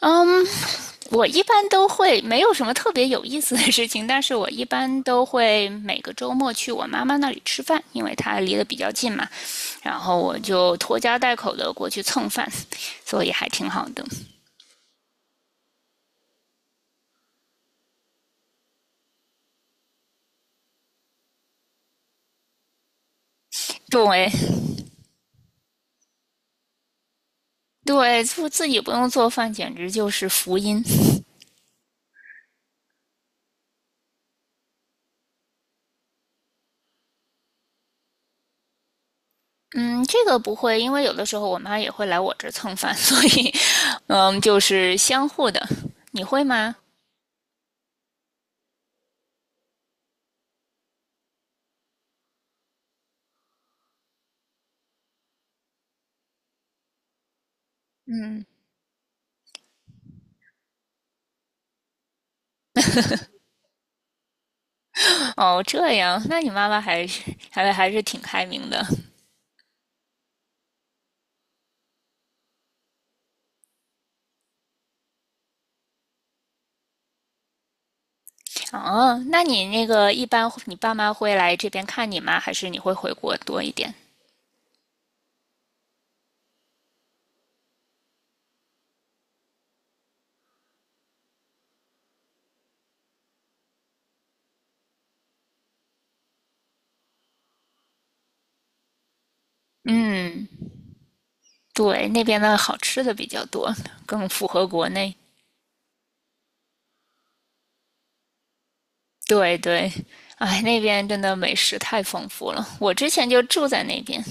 嗯，我一般都会没有什么特别有意思的事情，但是我一般都会每个周末去我妈妈那里吃饭，因为她离得比较近嘛，然后我就拖家带口的过去蹭饭，所以还挺好的。对对，自己不用做饭，简直就是福音。嗯，这个不会，因为有的时候我妈也会来我这儿蹭饭，所以，就是相互的。你会吗？嗯，哦，这样，那你妈妈还是挺开明的。哦，那你一般你爸妈会来这边看你吗？还是你会回国多一点？嗯，对，那边的好吃的比较多，更符合国内。对对，哎，那边真的美食太丰富了。我之前就住在那边。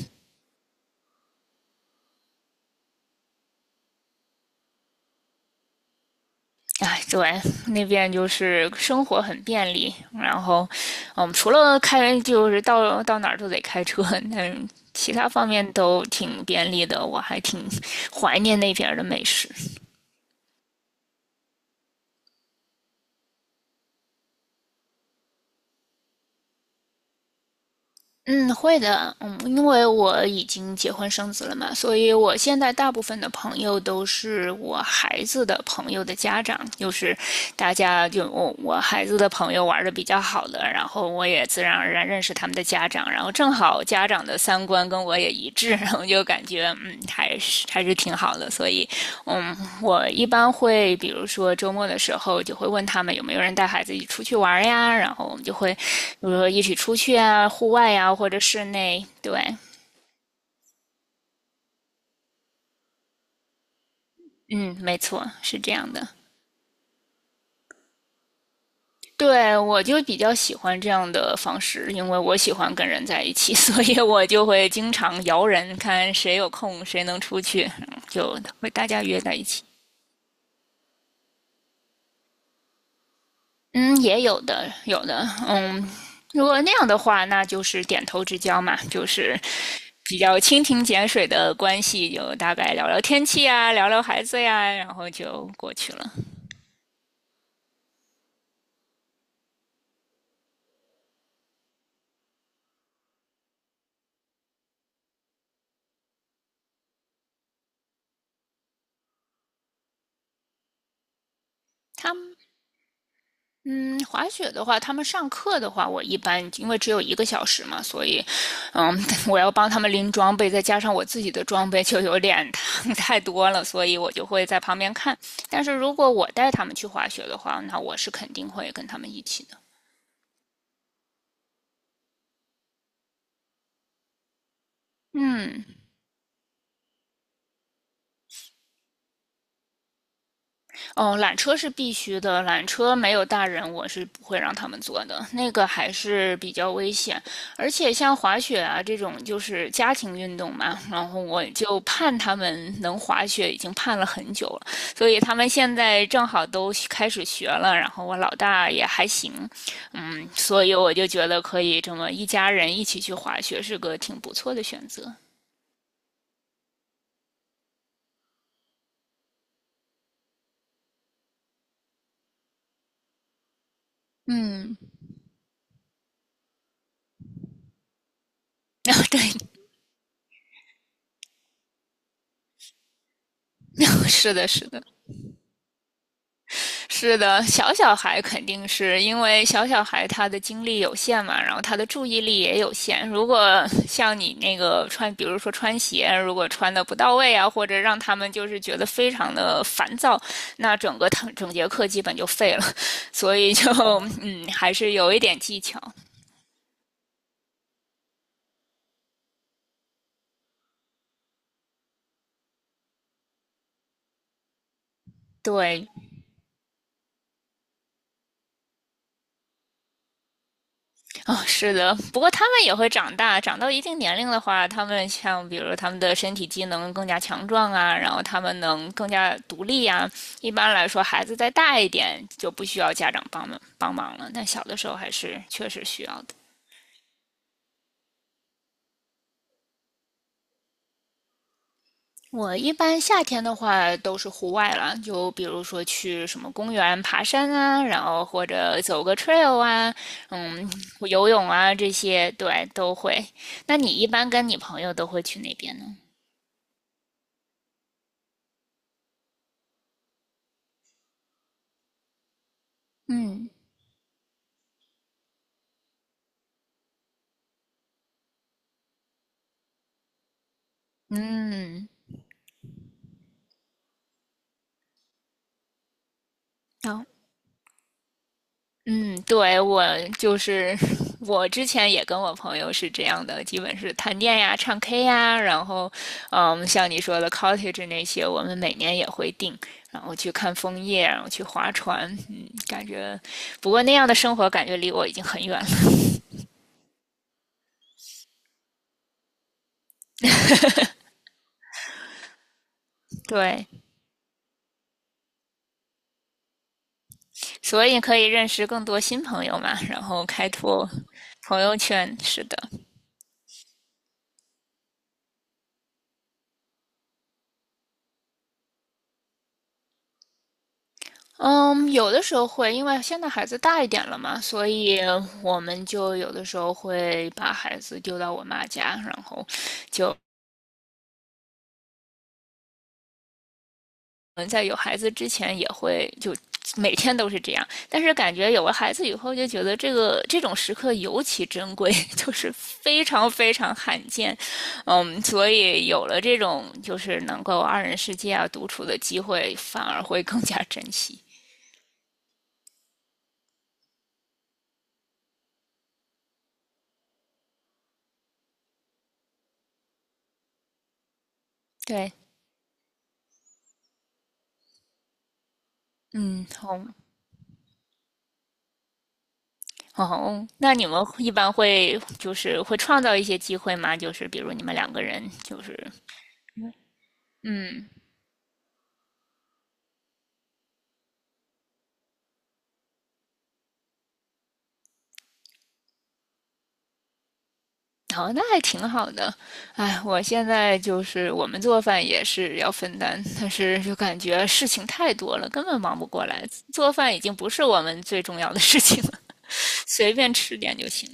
哎，对，那边就是生活很便利。然后，除了开，就是到哪儿都得开车，其他方面都挺便利的。我还挺怀念那边儿的美食。嗯，会的，因为我已经结婚生子了嘛，所以我现在大部分的朋友都是我孩子的朋友的家长，就是大家就我孩子的朋友玩的比较好的，然后我也自然而然认识他们的家长，然后正好家长的三观跟我也一致，然后就感觉还是挺好的，所以嗯，我一般会，比如说周末的时候，就会问他们有没有人带孩子一起出去玩呀，然后我们就会，比如说一起出去啊，户外呀，或者室内。对，嗯，没错，是这样的。对，我就比较喜欢这样的方式，因为我喜欢跟人在一起，所以我就会经常摇人，看谁有空，谁能出去，就会大家约在一起。嗯，也有的，有的，如果那样的话，那就是点头之交嘛，就是比较蜻蜓点水的关系，就大概聊聊天气啊，聊聊孩子呀，然后就过去了。他们，嗯，滑雪的话，他们上课的话，我一般因为只有一个小时嘛，所以，嗯，我要帮他们拎装备，再加上我自己的装备就有点 太多了，所以我就会在旁边看。但是如果我带他们去滑雪的话，那我是肯定会跟他们一起的。嗯。哦，缆车是必须的，缆车没有大人，我是不会让他们坐的，那个还是比较危险。而且像滑雪啊这种，就是家庭运动嘛，然后我就盼他们能滑雪，已经盼了很久了。所以他们现在正好都开始学了，然后我老大也还行，所以我就觉得可以这么一家人一起去滑雪，是个挺不错的选择。嗯，对，是的，是的。是的，小小孩肯定是因为小小孩他的精力有限嘛，然后他的注意力也有限。如果 像你那个穿，比如说穿鞋，如果穿的不到位啊，或者让他们就是觉得非常的烦躁，那整个堂整节课基本就废了。所以就 还是有一点技巧。对，哦，是的，不过他们也会长大，长到一定年龄的话，他们像比如他们的身体机能更加强壮啊，然后他们能更加独立啊。一般来说，孩子再大一点就不需要家长帮忙帮忙了，但小的时候还是确实需要的。我一般夏天的话都是户外了，就比如说去什么公园爬山啊，然后或者走个 trail 啊，嗯，游泳啊这些，对，都会。那你一般跟你朋友都会去哪边呢？嗯，嗯，哦，嗯，对，我就是 我之前也跟我朋友是这样的，基本是探店呀、唱 K 呀，然后，像你说的 cottage 那些，我们每年也会定，然后去看枫叶，然后去划船，不过那样的生活感觉离我已经很远了，对，所以可以认识更多新朋友嘛，然后开拓朋友圈，是的。嗯，有的时候会，因为现在孩子大一点了嘛，所以我们就有的时候会把孩子丢到我妈家，然后就我们在有孩子之前也会就每天都是这样，但是感觉有了孩子以后，就觉得这种时刻尤其珍贵，就是非常非常罕见。所以有了这种就是能够二人世界啊独处的机会，反而会更加珍惜。对，嗯，好，哦，那你们一般会就是会创造一些机会吗？就是比如你们两个人，就是嗯，哦，那还挺好的。哎，我现在就是我们做饭也是要分担，但是就感觉事情太多了，根本忙不过来。做饭已经不是我们最重要的事情了，随便吃点就行。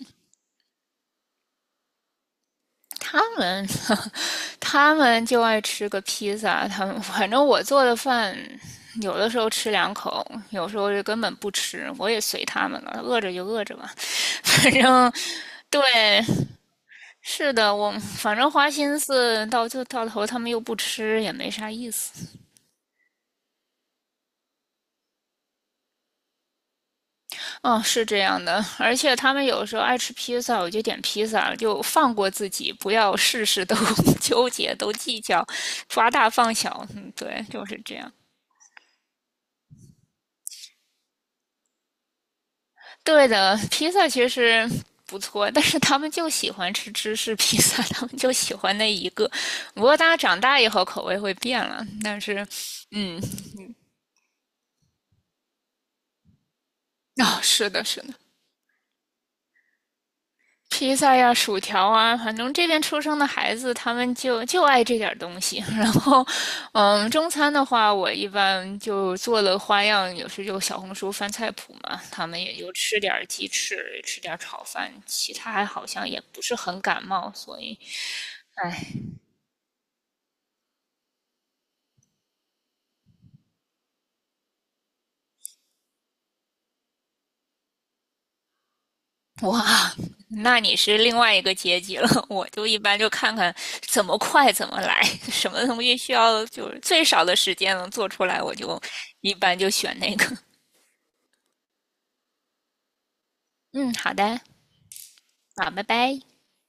他们 他们就爱吃个披萨，他们反正我做的饭，有的时候吃两口，有时候就根本不吃，我也随他们了，饿着就饿着吧，反正。对，是的，我反正花心思到就到头，他们又不吃，也没啥意思。嗯，是这样的，而且他们有时候爱吃披萨，我就点披萨了，就放过自己，不要事事都 纠结、都计较，抓大放小。嗯，对，就是这样。对的，披萨其实不错，但是他们就喜欢吃芝士披萨，他们就喜欢那一个。不过大家长大以后口味会变了，但是，嗯，哦，是的，是的，披萨呀、薯条啊，反正这边出生的孩子他们就爱这点东西。然后，中餐的话，我一般就做了花样，有时就小红书翻菜谱嘛，他们也就吃点鸡翅，吃点炒饭，其他还好像也不是很感冒，所以。哎，哇，那你是另外一个阶级了。我就一般就看看怎么快怎么来，什么东西需要就是最少的时间能做出来，我就一般就选那个。嗯，好的，好，拜拜。